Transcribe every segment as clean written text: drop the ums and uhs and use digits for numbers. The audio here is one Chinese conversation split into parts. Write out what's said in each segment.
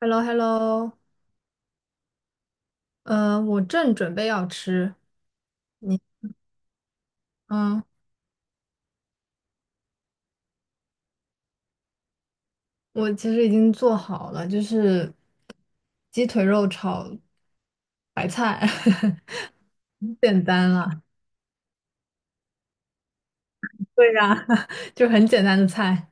Hello，Hello。我正准备要吃。你，嗯，我其实已经做好了，就是鸡腿肉炒白菜，很简单了。对呀，就很简单的菜。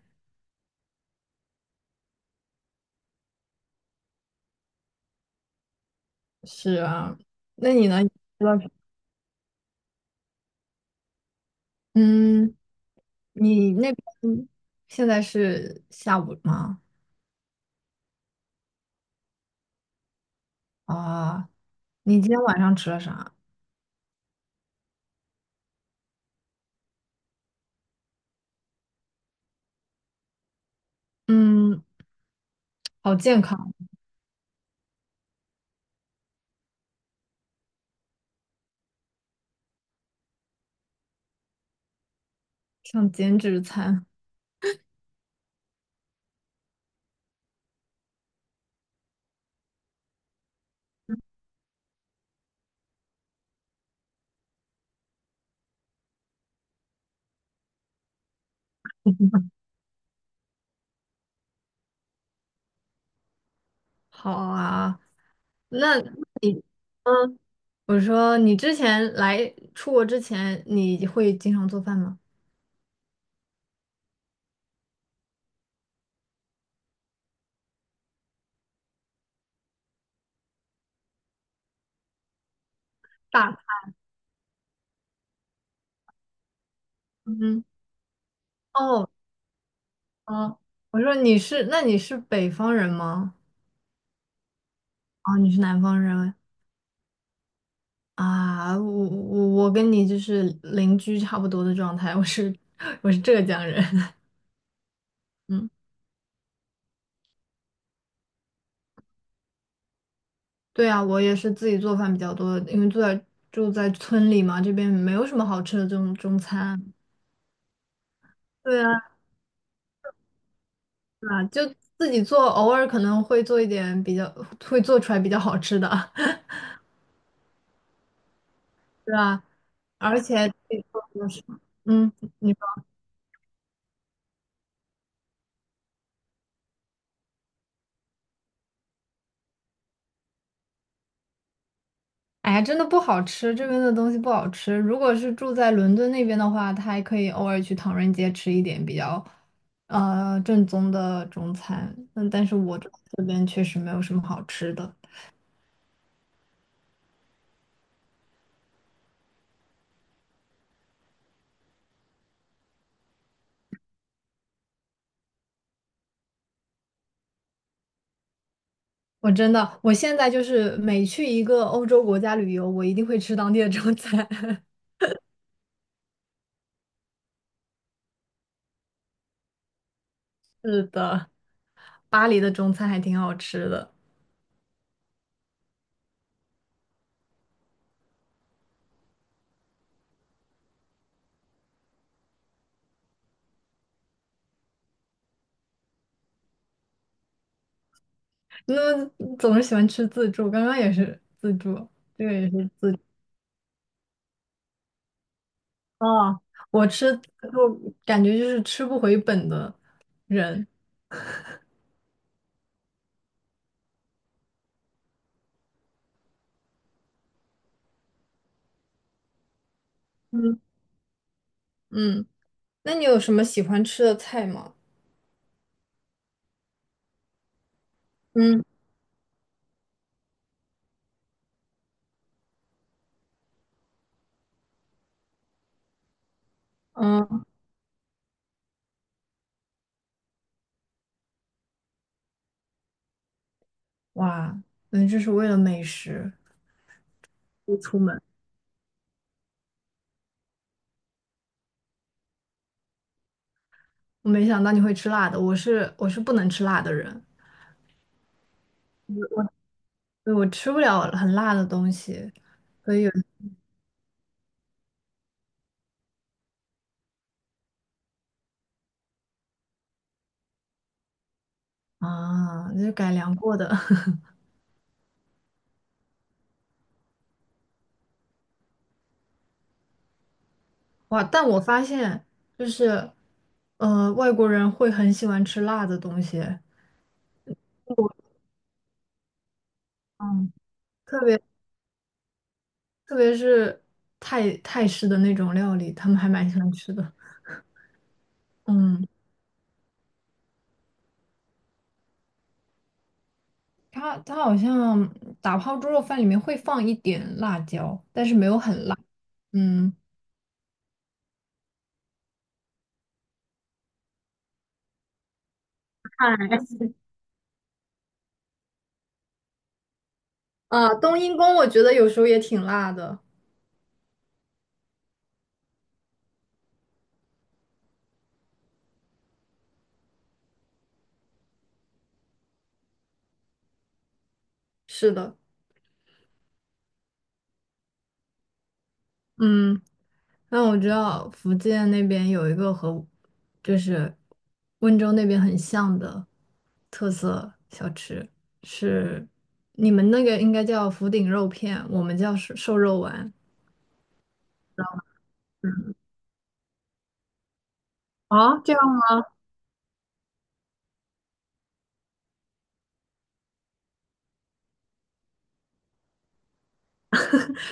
是啊，那你呢？你吃了什嗯，你那边现在是下午吗？啊，你今天晚上吃了啥？嗯，好健康，像减脂餐。好啊，那嗯，我说你之前来出国之前，你会经常做饭吗？大菜，嗯哦，哦，我说你是，那你是北方人吗？哦，你是南方人啊？我跟你就是邻居差不多的状态，我是 我是浙江人。嗯，对啊，我也是自己做饭比较多，因为住在村里嘛，这边没有什么好吃的这种中餐。对啊，啊，就自己做，偶尔可能会做一点比较，会做出来比较好吃的。是啊，而且这个是嗯，你说，哎呀，真的不好吃，这边的东西不好吃。如果是住在伦敦那边的话，他还可以偶尔去唐人街吃一点比较，正宗的中餐。嗯，但是我这边确实没有什么好吃的。我真的，我现在就是每去一个欧洲国家旅游，我一定会吃当地的中餐。是的，巴黎的中餐还挺好吃的。那总是喜欢吃自助，刚刚也是自助，这个也是自。哦，我吃，我感觉就是吃不回本的人。嗯，嗯，那你有什么喜欢吃的菜吗？嗯嗯，哇，那就是为了美食不出门。我没想到你会吃辣的，我是不能吃辣的人，所以我吃不了很辣的东西。所以有啊，那就改良过的。哇，但我发现就是，外国人会很喜欢吃辣的东西。嗯。特别。特别是泰式的那种料理，他们还蛮喜欢吃的。嗯，它好像打泡猪肉饭里面会放一点辣椒，但是没有很辣。嗯啊啊，冬阴功我觉得有时候也挺辣的。是的，嗯，那我知道福建那边有一个和就是温州那边很像的特色小吃，是你们那个应该叫福鼎肉片，我们叫瘦瘦肉丸。啊，这样吗？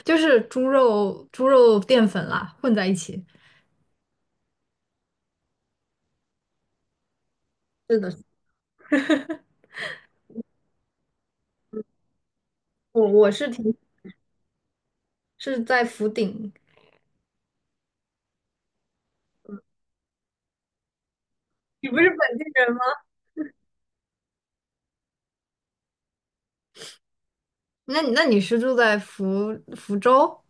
就是猪肉、猪肉淀粉啦，混在一起。是的，我是挺是在福鼎，你不是本地人吗？那你是住在福州？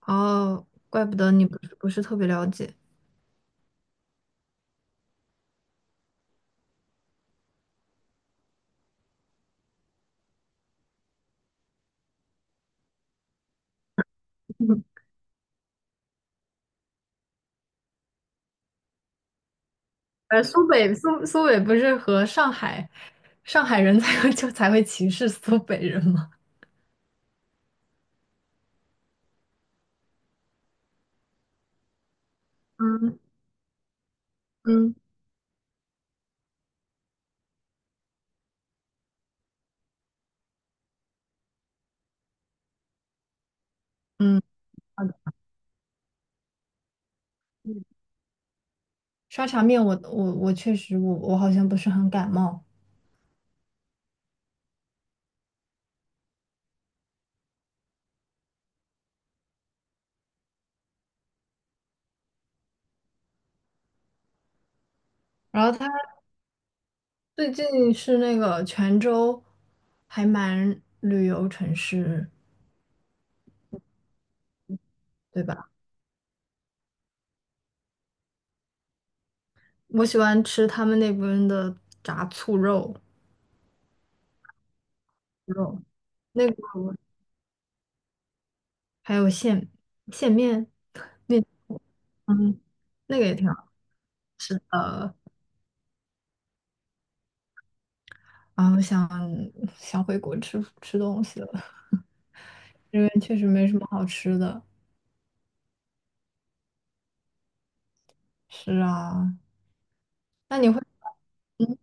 哦，怪不得你不是特别了解。苏北不是和上海人才会歧视苏北人吗？嗯嗯，嗯，好的。沙茶面我确实我好像不是很感冒。然后他。最近是那个泉州，还蛮旅游城市，对吧？我喜欢吃他们那边的炸醋肉，那个还有线面，嗯，那个也挺好吃的。啊我想想回国吃吃东西了，这边确实没什么好吃的。是啊，那你会，嗯，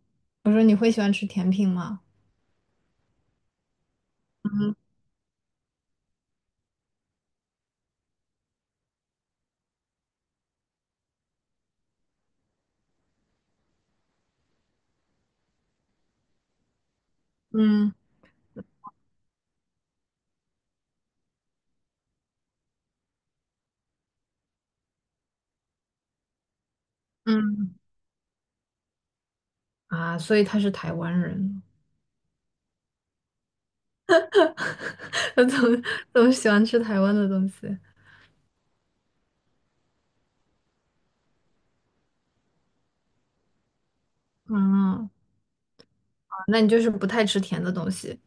我说你会喜欢吃甜品吗？嗯嗯嗯啊，所以他是台湾人。我总 喜欢吃台湾的东西。嗯，啊那你就是不太吃甜的东西。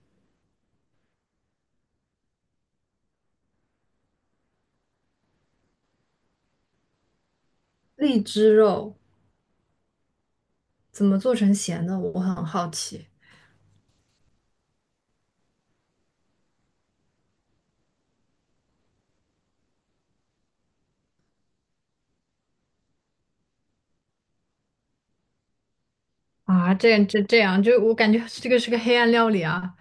荔枝肉怎么做成咸的？我很好奇。啊，这样，就我感觉这个是个黑暗料理啊。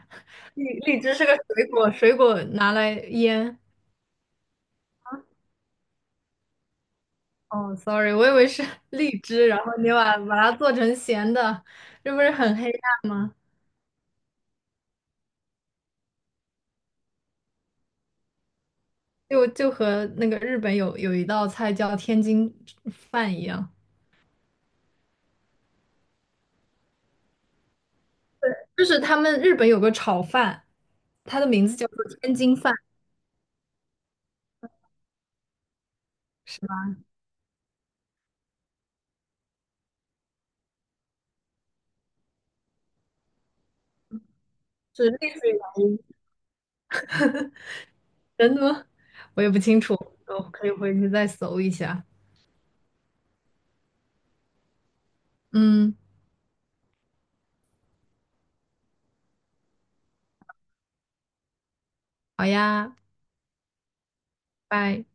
荔枝是个水果，水果拿来腌。哦，sorry，我以为是 荔枝，然后你把它做成咸的，这不是很黑暗吗？就和那个日本有一道菜叫天津饭一样，就是他们日本有个炒饭。它的名字叫做天津饭，是吗？是类似于南音真的吗？我也不清楚，我可以回去再搜一下。嗯，好呀，拜。